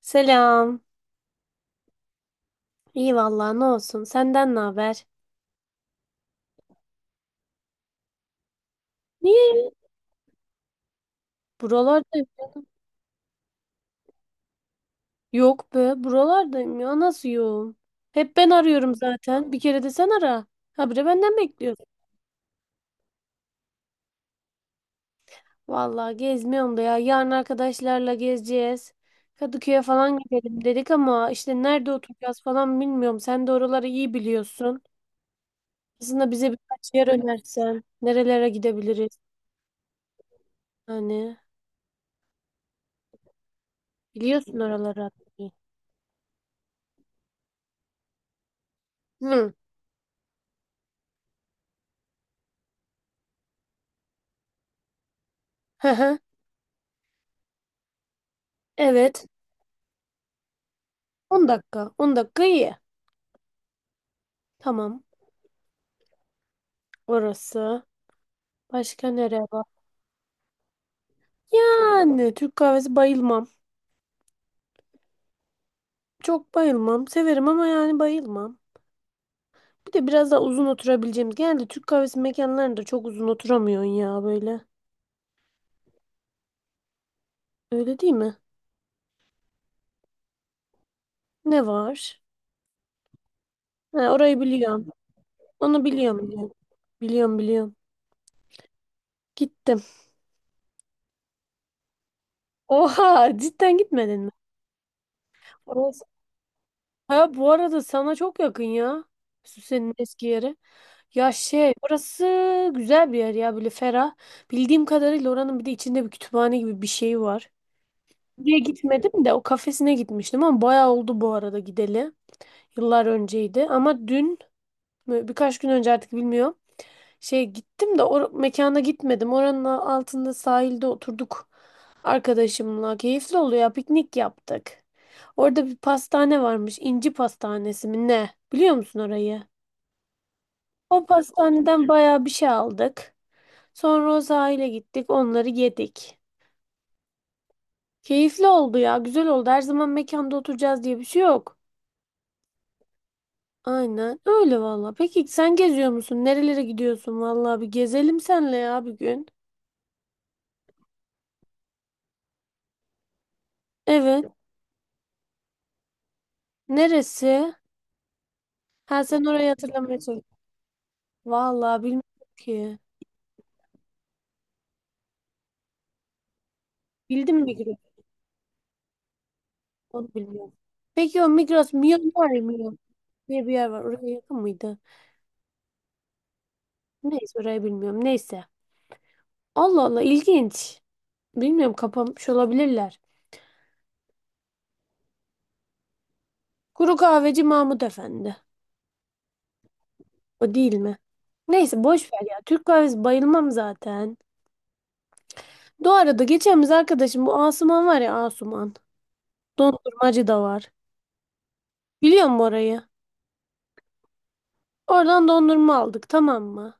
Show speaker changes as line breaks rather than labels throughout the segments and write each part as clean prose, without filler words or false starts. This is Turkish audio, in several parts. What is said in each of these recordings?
Selam. İyi vallahi, ne olsun? Senden ne haber? Niye? Buralardayım. Yok be, buralardayım ya. Nasıl yoğun? Hep ben arıyorum zaten. Bir kere de sen ara. Habire benden bekliyorsun. Vallahi gezmiyorum da ya. Yarın arkadaşlarla gezeceğiz. Kadıköy'e falan gidelim dedik ama işte nerede oturacağız falan bilmiyorum. Sen de oraları iyi biliyorsun. Aslında bize birkaç yer önersen, nerelere gidebiliriz? Hani biliyorsun oraları. Hı. Hı hı. Evet. 10 dakika. 10 dakika iyi. Tamam. Orası. Başka nereye var? Yani Türk kahvesi bayılmam. Çok bayılmam. Severim ama yani bayılmam. Bir de biraz daha uzun oturabileceğimiz. Genelde Türk kahvesi mekanlarında çok uzun oturamıyorsun ya böyle. Öyle değil mi? Ne var? Ha, orayı biliyorum. Onu biliyorum. Biliyorum. Gittim. Oha, cidden gitmedin mi? Orası. Ha, bu arada sana çok yakın ya. Süsen'in eski yeri. Ya şey, burası güzel bir yer ya, böyle ferah. Bildiğim kadarıyla oranın bir de içinde bir kütüphane gibi bir şey var. Oraya gitmedim de o kafesine gitmiştim ama bayağı oldu bu arada gideli. Yıllar önceydi ama birkaç gün önce artık bilmiyorum. Şey, gittim de o mekana gitmedim. Oranın altında sahilde oturduk arkadaşımla. Keyifli oluyor ya, piknik yaptık. Orada bir pastane varmış. İnci Pastanesi mi ne? Biliyor musun orayı? O pastaneden bayağı bir şey aldık. Sonra o sahile gittik, onları yedik. Keyifli oldu ya, güzel oldu. Her zaman mekanda oturacağız diye bir şey yok. Aynen öyle valla. Peki sen geziyor musun? Nerelere gidiyorsun valla? Bir gezelim senle ya bir gün. Evet. Neresi? Ha sen orayı hatırlamaya çalış. Valla bilmiyorum ki. Bildim, Migros. Onu bilmiyorum. Peki o Migros Mion var ya, Mion diye bir yer var. Oraya yakın mıydı? Neyse, orayı bilmiyorum. Neyse. Allah Allah, ilginç. Bilmiyorum, kapamış olabilirler. Kuru kahveci Mahmut Efendi. O değil mi? Neyse boş ver ya. Türk kahvesi bayılmam zaten. Bu arada geçen biz, arkadaşım bu Asuman var ya, Asuman. Dondurmacı da var. Biliyor musun orayı? Oradan dondurma aldık, tamam mı?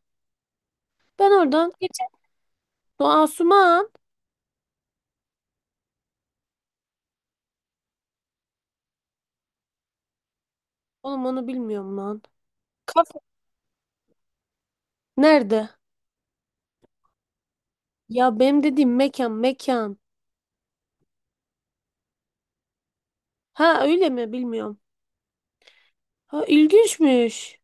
Ben oradan geçen, bu Asuman. Oğlum, onu bilmiyorum lan. Kafe. Nerede? Ya benim dediğim mekan. Ha öyle mi, bilmiyorum. Ha, ilginçmiş.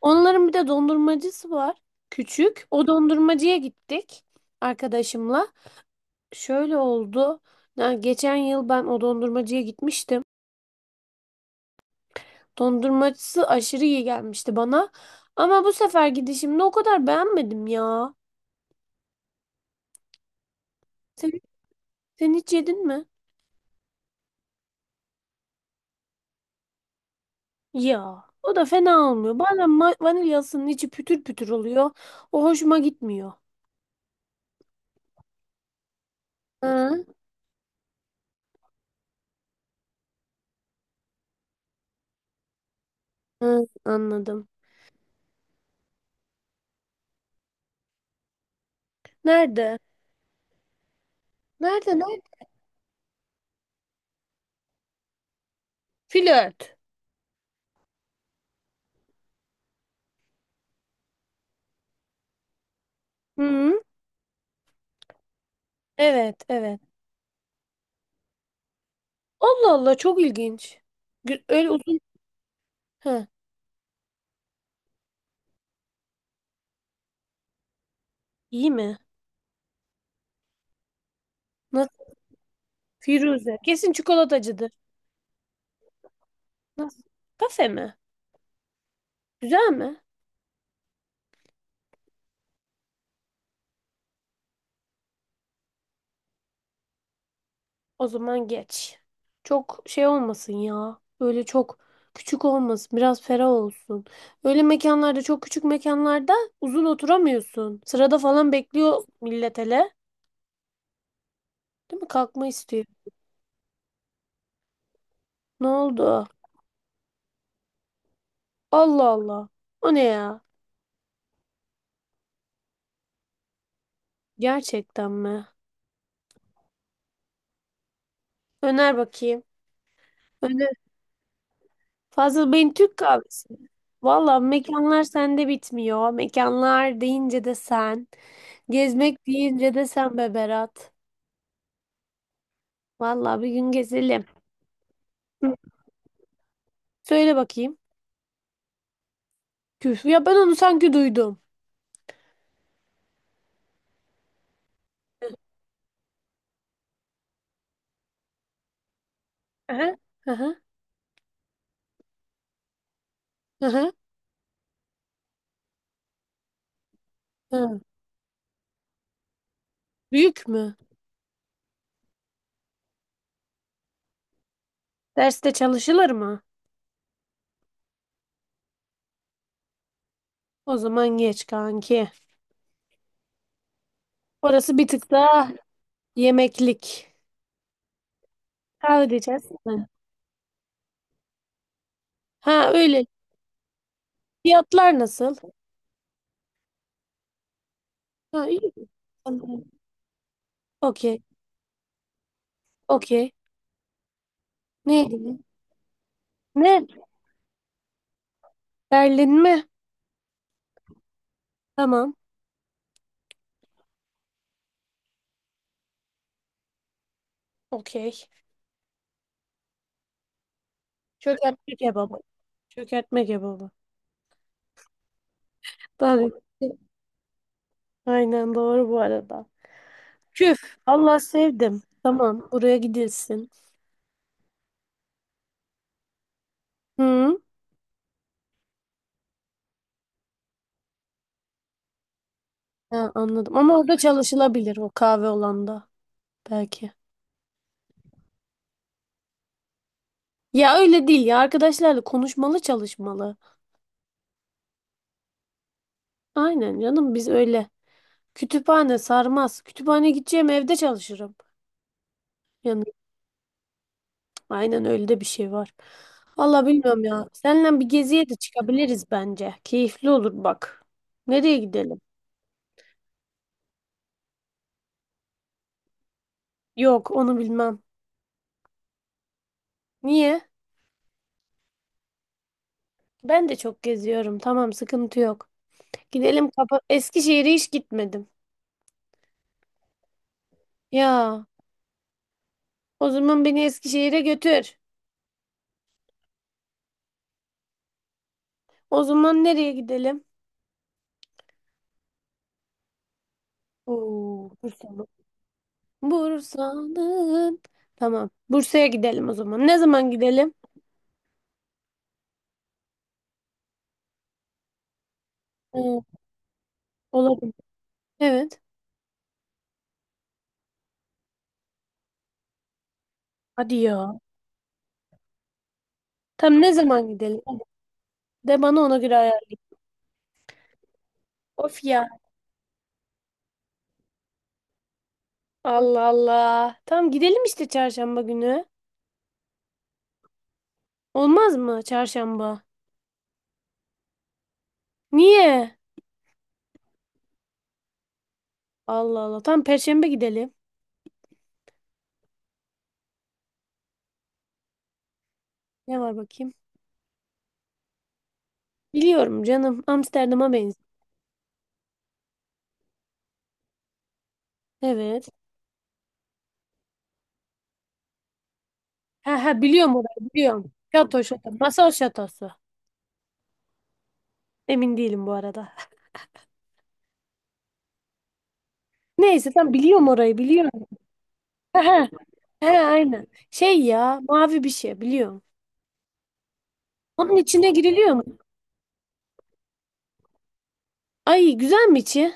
Onların bir de dondurmacısı var. Küçük. O dondurmacıya gittik arkadaşımla. Şöyle oldu. Yani geçen yıl ben o dondurmacıya gitmiştim. Dondurmacısı aşırı iyi gelmişti bana. Ama bu sefer gidişimde o kadar beğenmedim ya. Sen, sen hiç yedin mi? Ya o da fena olmuyor. Bazen vanilyasının içi pütür pütür oluyor. O hoşuma gitmiyor. Hı, hı, anladım. Nerede? Nerede? Nerede? Flört. Hı, evet evet. Allah Allah, çok ilginç. Öyle uzun. Heh, iyi mi? Nasıl? Firuze. Kesin çikolatacıdır. Nasıl? Kafe mi? Güzel mi? O zaman geç. Çok şey olmasın ya. Böyle çok küçük olmasın. Biraz ferah olsun. Öyle mekanlarda, çok küçük mekanlarda uzun oturamıyorsun. Sırada falan bekliyor millet hele. Değil mi? Kalkma istiyor. Ne oldu? Allah Allah. O ne ya? Gerçekten mi? Öner bakayım. Fazıl Bey'in Türk kahvesi. Valla mekanlar sende bitmiyor. Mekanlar deyince de sen. Gezmek deyince de sen be Berat. Valla bir gün gezelim. Hı. Söyle bakayım. Küf. Ya ben onu sanki duydum. Aha, aha, aha, aha. Büyük mü? Derste çalışılır mı? O zaman geç kanki. Orası bir tık daha yemeklik. Kahve diyeceğiz. Ha, ha, öyle. Fiyatlar nasıl? Ha, iyi. Tamam. Okey. Okey. Neydi? Ne? Berlin mi? Tamam. Okey. Çökertme kebabı. Çökertme kebabı. Tabii. Aynen doğru bu arada. Küf. Allah, sevdim. Tamam, buraya gidilsin. Hı. Ha, anladım. Ama orada çalışılabilir, o kahve olanda. Belki. Ya öyle değil ya. Arkadaşlarla konuşmalı çalışmalı. Aynen canım, biz öyle. Kütüphane sarmaz. Kütüphane gideceğim, evde çalışırım. Yani aynen, öyle de bir şey var. Valla bilmiyorum ya. Seninle bir geziye de çıkabiliriz bence. Keyifli olur bak. Nereye gidelim? Yok, onu bilmem. Niye? Ben de çok geziyorum. Tamam, sıkıntı yok. Gidelim kapa, Eskişehir'e hiç gitmedim. Ya o zaman beni Eskişehir'e götür. O zaman nereye gidelim? Oo, Bursa mı? Bursa'nın. Tamam. Bursa'ya gidelim o zaman. Ne zaman gidelim? Ee, olabilir. Evet. Hadi ya. Tam ne zaman gidelim? De bana, ona göre ayar. Of ya. Allah Allah. Tamam, gidelim işte çarşamba günü. Olmaz mı çarşamba? Niye? Allah Allah. Tamam, perşembe gidelim. Ne var bakayım? Biliyorum canım. Amsterdam'a benziyor. Evet. Ha ha, biliyorum, orayı biliyorum. Şato şato. Masal şatosu. Emin değilim bu arada. Neyse tamam, biliyorum, orayı biliyorum. Ha ha. Ha aynen. Şey ya, mavi bir şey biliyorum. Onun içine giriliyor mu? Ay, güzel mi içi?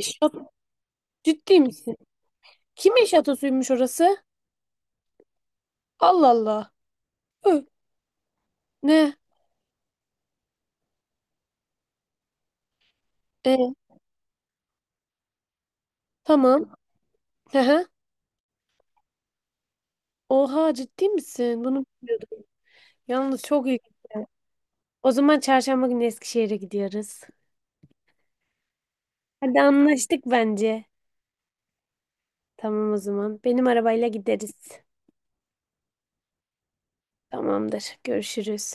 Şato, ciddi misin? Kimin şatosuymuş orası? Allah Allah. Ö, ne? E, tamam. Hı. Oha, ciddi misin? Bunu bilmiyordum. Yalnız çok iyi. O zaman çarşamba günü Eskişehir'e gidiyoruz. Hadi anlaştık bence. Tamam o zaman. Benim arabayla gideriz. Tamamdır. Görüşürüz.